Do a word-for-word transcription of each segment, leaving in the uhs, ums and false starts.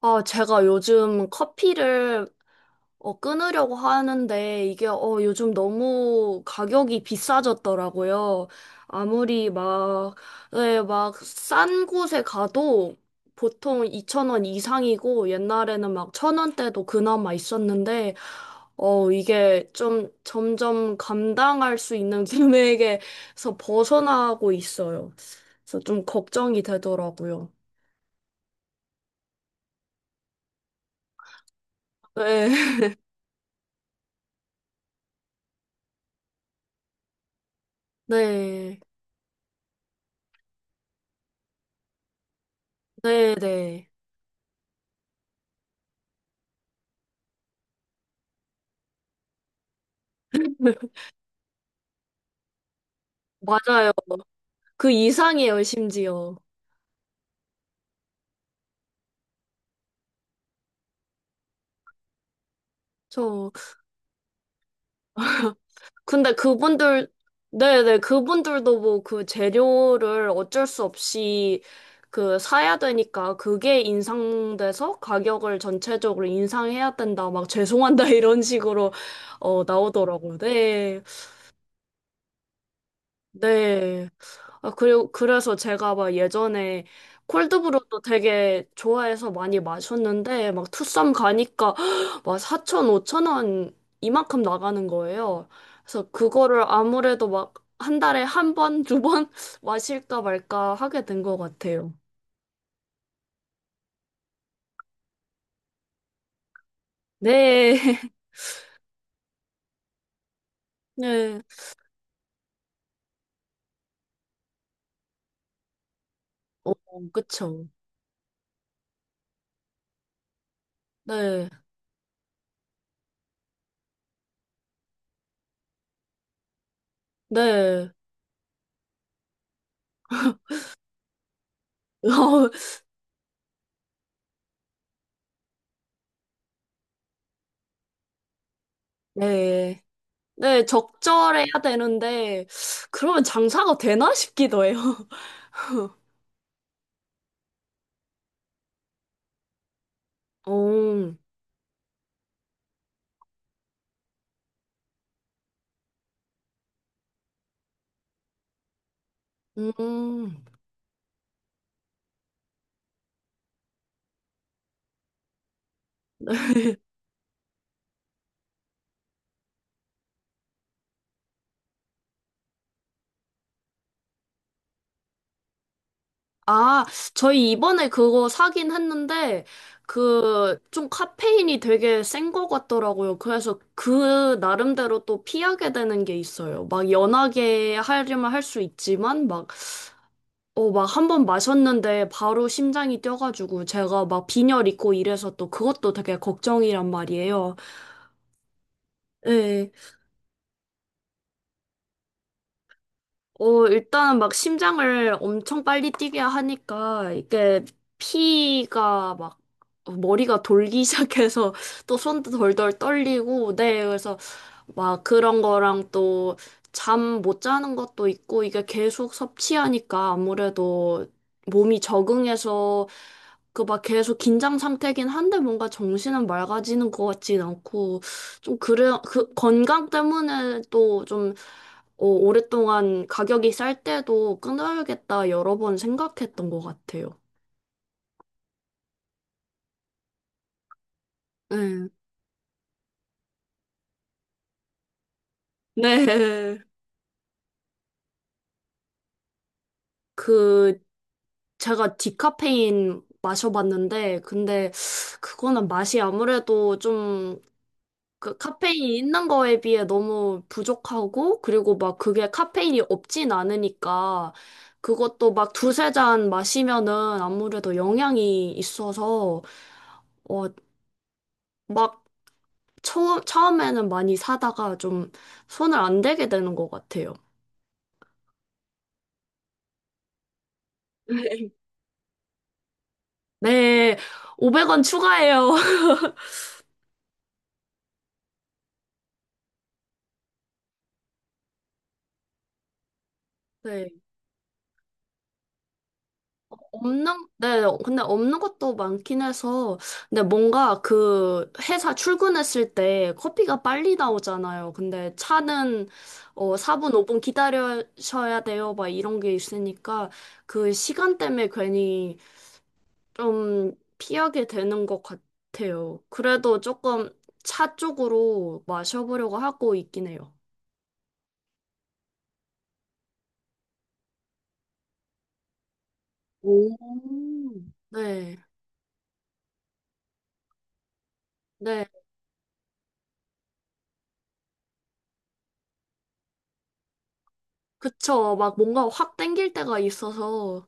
아, 제가 요즘 커피를 어, 끊으려고 하는데 이게 어, 요즘 너무 가격이 비싸졌더라고요. 아무리 막, 네, 막싼 곳에 가도 보통 이천 원 이상이고 옛날에는 막 천 원대도 그나마 있었는데 어, 이게 좀 점점 감당할 수 있는 금액에서 벗어나고 있어요. 그래서 좀 걱정이 되더라고요. 네. 네. 네, 네. 맞아요. 그 이상이에요, 심지어. 저, 근데 그분들, 네네, 그분들도 뭐 그 재료를 어쩔 수 없이 그 사야 되니까 그게 인상돼서 가격을 전체적으로 인상해야 된다. 막 죄송한다, 이런 식으로, 어, 나오더라고요. 네, 네. 아, 그리고 그래서 제가 막 예전에 콜드브루도 되게 좋아해서 많이 마셨는데 막 투썸 가니까 막 사천 오천 원 이만큼 나가는 거예요. 그래서 그거를 아무래도 막 한 달에 한 번, 두 번 마실까 말까 하게 된 것 같아요. 네. 네. 어, 그쵸. 네. 네. 네. 네, 적절해야 되는데 그러면 장사가 되나 싶기도 해요. 어. 음. 아, 저희 이번에 그거 사긴 했는데, 그, 좀 카페인이 되게 센 것 같더라고요. 그래서 그 나름대로 또 피하게 되는 게 있어요. 막 연하게 하려면 할 수 있지만, 막, 어, 막 한번 마셨는데 바로 심장이 뛰어가지고 제가 막 빈혈 있고 이래서 또 그것도 되게 걱정이란 말이에요. 예. 어, 일단은 막 심장을 엄청 빨리 뛰게 하니까 이게 피가 막 머리가 돌기 시작해서 또 손도 덜덜 떨리고, 네, 그래서 막 그런 거랑 또 잠 못 자는 것도 있고 이게 계속 섭취하니까 아무래도 몸이 적응해서 그 막 계속 긴장 상태긴 한데 뭔가 정신은 맑아지는 것 같진 않고 좀 그래 그 건강 때문에 또좀 어, 오랫동안 가격이 쌀 때도 끊어야겠다 여러 번 생각했던 것 같아요. 네. 네. 그 제가 디카페인 마셔봤는데 근데 그거는 맛이 아무래도 좀 그 카페인이 있는 거에 비해 너무 부족하고 그리고 막 그게 카페인이 없진 않으니까 그것도 막 두세 잔 마시면은 아무래도 영향이 있어서 어 막 처, 처음에는 많이 사다가 좀 손을 안 대게 되는 것 같아요. 네, 오백 원 추가해요. 네, 없는, 네, 근데 없는 것도 많긴 해서, 근데 뭔가 그 회사 출근했을 때 커피가 빨리 나오잖아요. 근데 차는 어, 사 분, 오 분 기다려셔야 돼요. 막 이런 게 있으니까 그 시간 때문에 괜히 좀 피하게 되는 것 같아요. 그래도 조금 차 쪽으로 마셔보려고 하고 있긴 해요. 오. 네, 네, 그쵸. 막 뭔가 확 땡길 때가 있어서,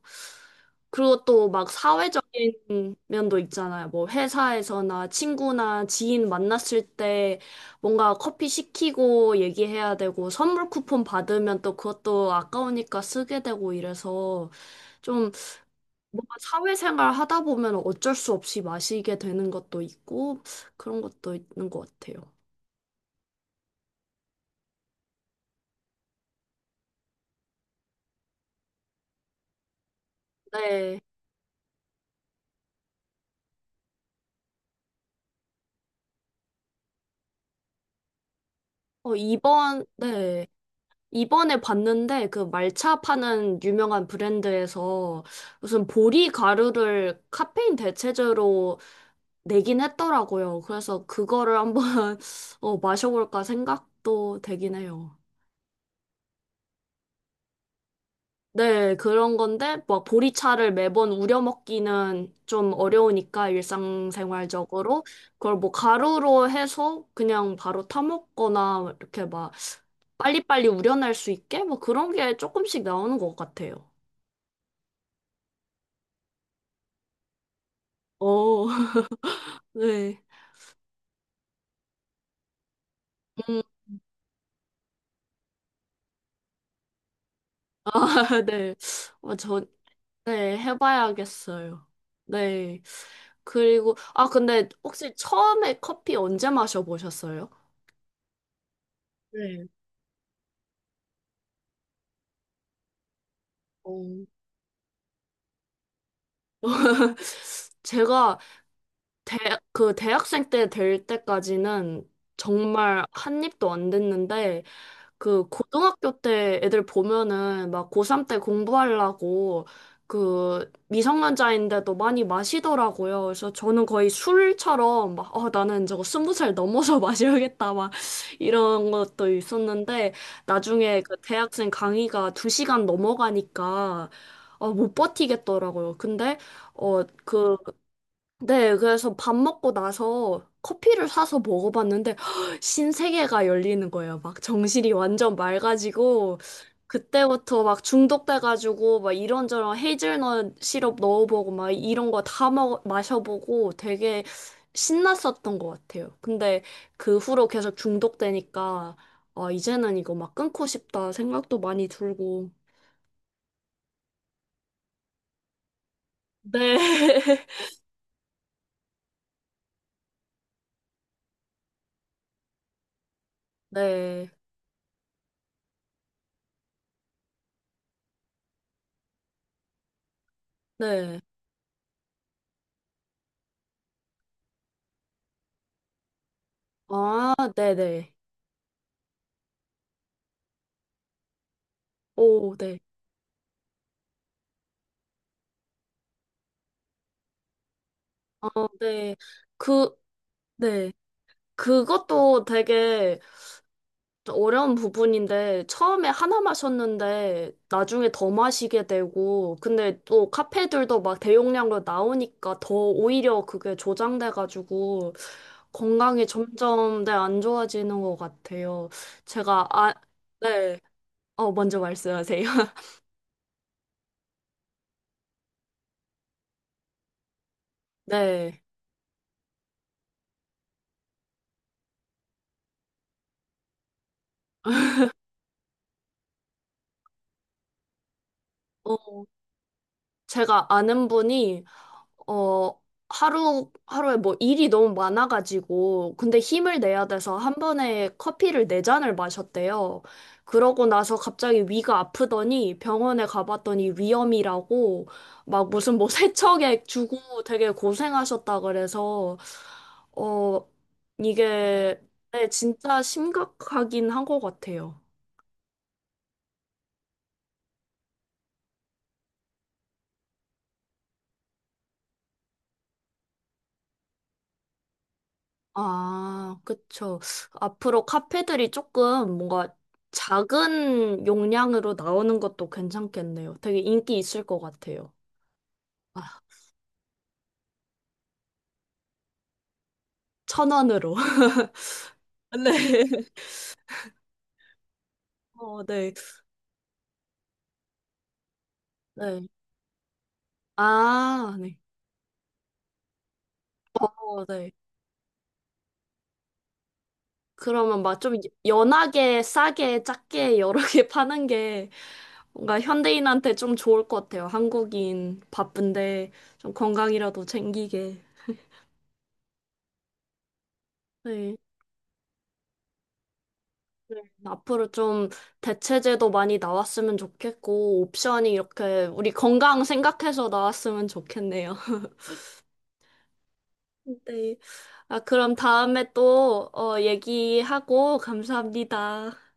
그리고 또 막 사회적인 면도 있잖아요. 뭐 회사에서나 친구나 지인 만났을 때 뭔가 커피 시키고 얘기해야 되고, 선물 쿠폰 받으면 또 그것도 아까우니까 쓰게 되고 이래서 좀 뭔가 사회생활 하다 보면 어쩔 수 없이 마시게 되는 것도 있고 그런 것도 있는 것 같아요. 네. 어, 이번, 네. 이번에 봤는데 그 말차 파는 유명한 브랜드에서 무슨 보리 가루를 카페인 대체제로 내긴 했더라고요. 그래서 그거를 한번 어, 마셔볼까 생각도 되긴 해요. 네, 그런 건데, 뭐, 보리차를 매번 우려 먹기는 좀 어려우니까, 일상생활적으로. 그걸 뭐, 가루로 해서 그냥 바로 타먹거나, 이렇게 막, 빨리빨리 우려낼 수 있게? 뭐, 그런 게 조금씩 나오는 것 같아요. 어, 네. 음, 아, 네. 어, 저, 네, 해봐야겠어요. 네. 그리고, 아, 근데 혹시 처음에 커피 언제 마셔보셨어요? 네. 어. 제가 대, 그 대학생 때 될 때까지는 정말 한 입도 안 됐는데 그 고등학교 때 애들 보면은 막 고삼 때 공부하려고 그 미성년자인데도 많이 마시더라고요. 그래서 저는 거의 술처럼 막, 어, 나는 저거 스무 살 넘어서 마셔야겠다. 막 이런 것도 있었는데 나중에 그 대학생 강의가 두 시간 넘어가니까 어, 못 버티겠더라고요. 근데 어, 그 네, 그래서 밥 먹고 나서 커피를 사서 먹어봤는데 신세계가 열리는 거예요. 막 정신이 완전 맑아지고 그때부터 막 중독돼가지고 막 이런저런 헤이즐넛 시럽 넣어보고 막 이런 거 다 먹 마셔보고 되게 신났었던 것 같아요. 근데 그 후로 계속 중독되니까 아, 이제는 이거 막 끊고 싶다 생각도 많이 들고. 네. 네. 네. 아, 네네. 오, 네. 어, 네. 그, 네. 그것도 되게 좀 어려운 부분인데, 처음에 하나 마셨는데, 나중에 더 마시게 되고, 근데 또 카페들도 막 대용량으로 나오니까 더 오히려 그게 조장돼가지고, 건강이 점점, 네, 안 좋아지는 것 같아요. 제가, 아, 네. 어, 먼저 말씀하세요. 네. 어, 제가 아는 분이 어 하루 하루에 뭐 일이 너무 많아가지고 근데 힘을 내야 돼서 한 번에 커피를 네 잔을 마셨대요. 그러고 나서 갑자기 위가 아프더니 병원에 가봤더니 위염이라고 막 무슨 뭐 세척액 주고 되게 고생하셨다 그래서 어 이게 네, 진짜 심각하긴 한 것 같아요. 아, 그쵸. 앞으로 카페들이 조금 뭔가 작은 용량으로 나오는 것도 괜찮겠네요. 되게 인기 있을 것 같아요. 아, 천 원으로. 네. 어, 네. 네. 아, 네. 어, 네. 그러면 막 좀 연하게, 싸게, 작게 여러 개 파는 게 뭔가 현대인한테 좀 좋을 것 같아요. 한국인 바쁜데 좀 건강이라도 챙기게. 네. 네. 앞으로 좀 대체제도 많이 나왔으면 좋겠고, 옵션이 이렇게 우리 건강 생각해서 나왔으면 좋겠네요. 네. 아, 그럼 다음에 또, 어, 얘기하고, 감사합니다.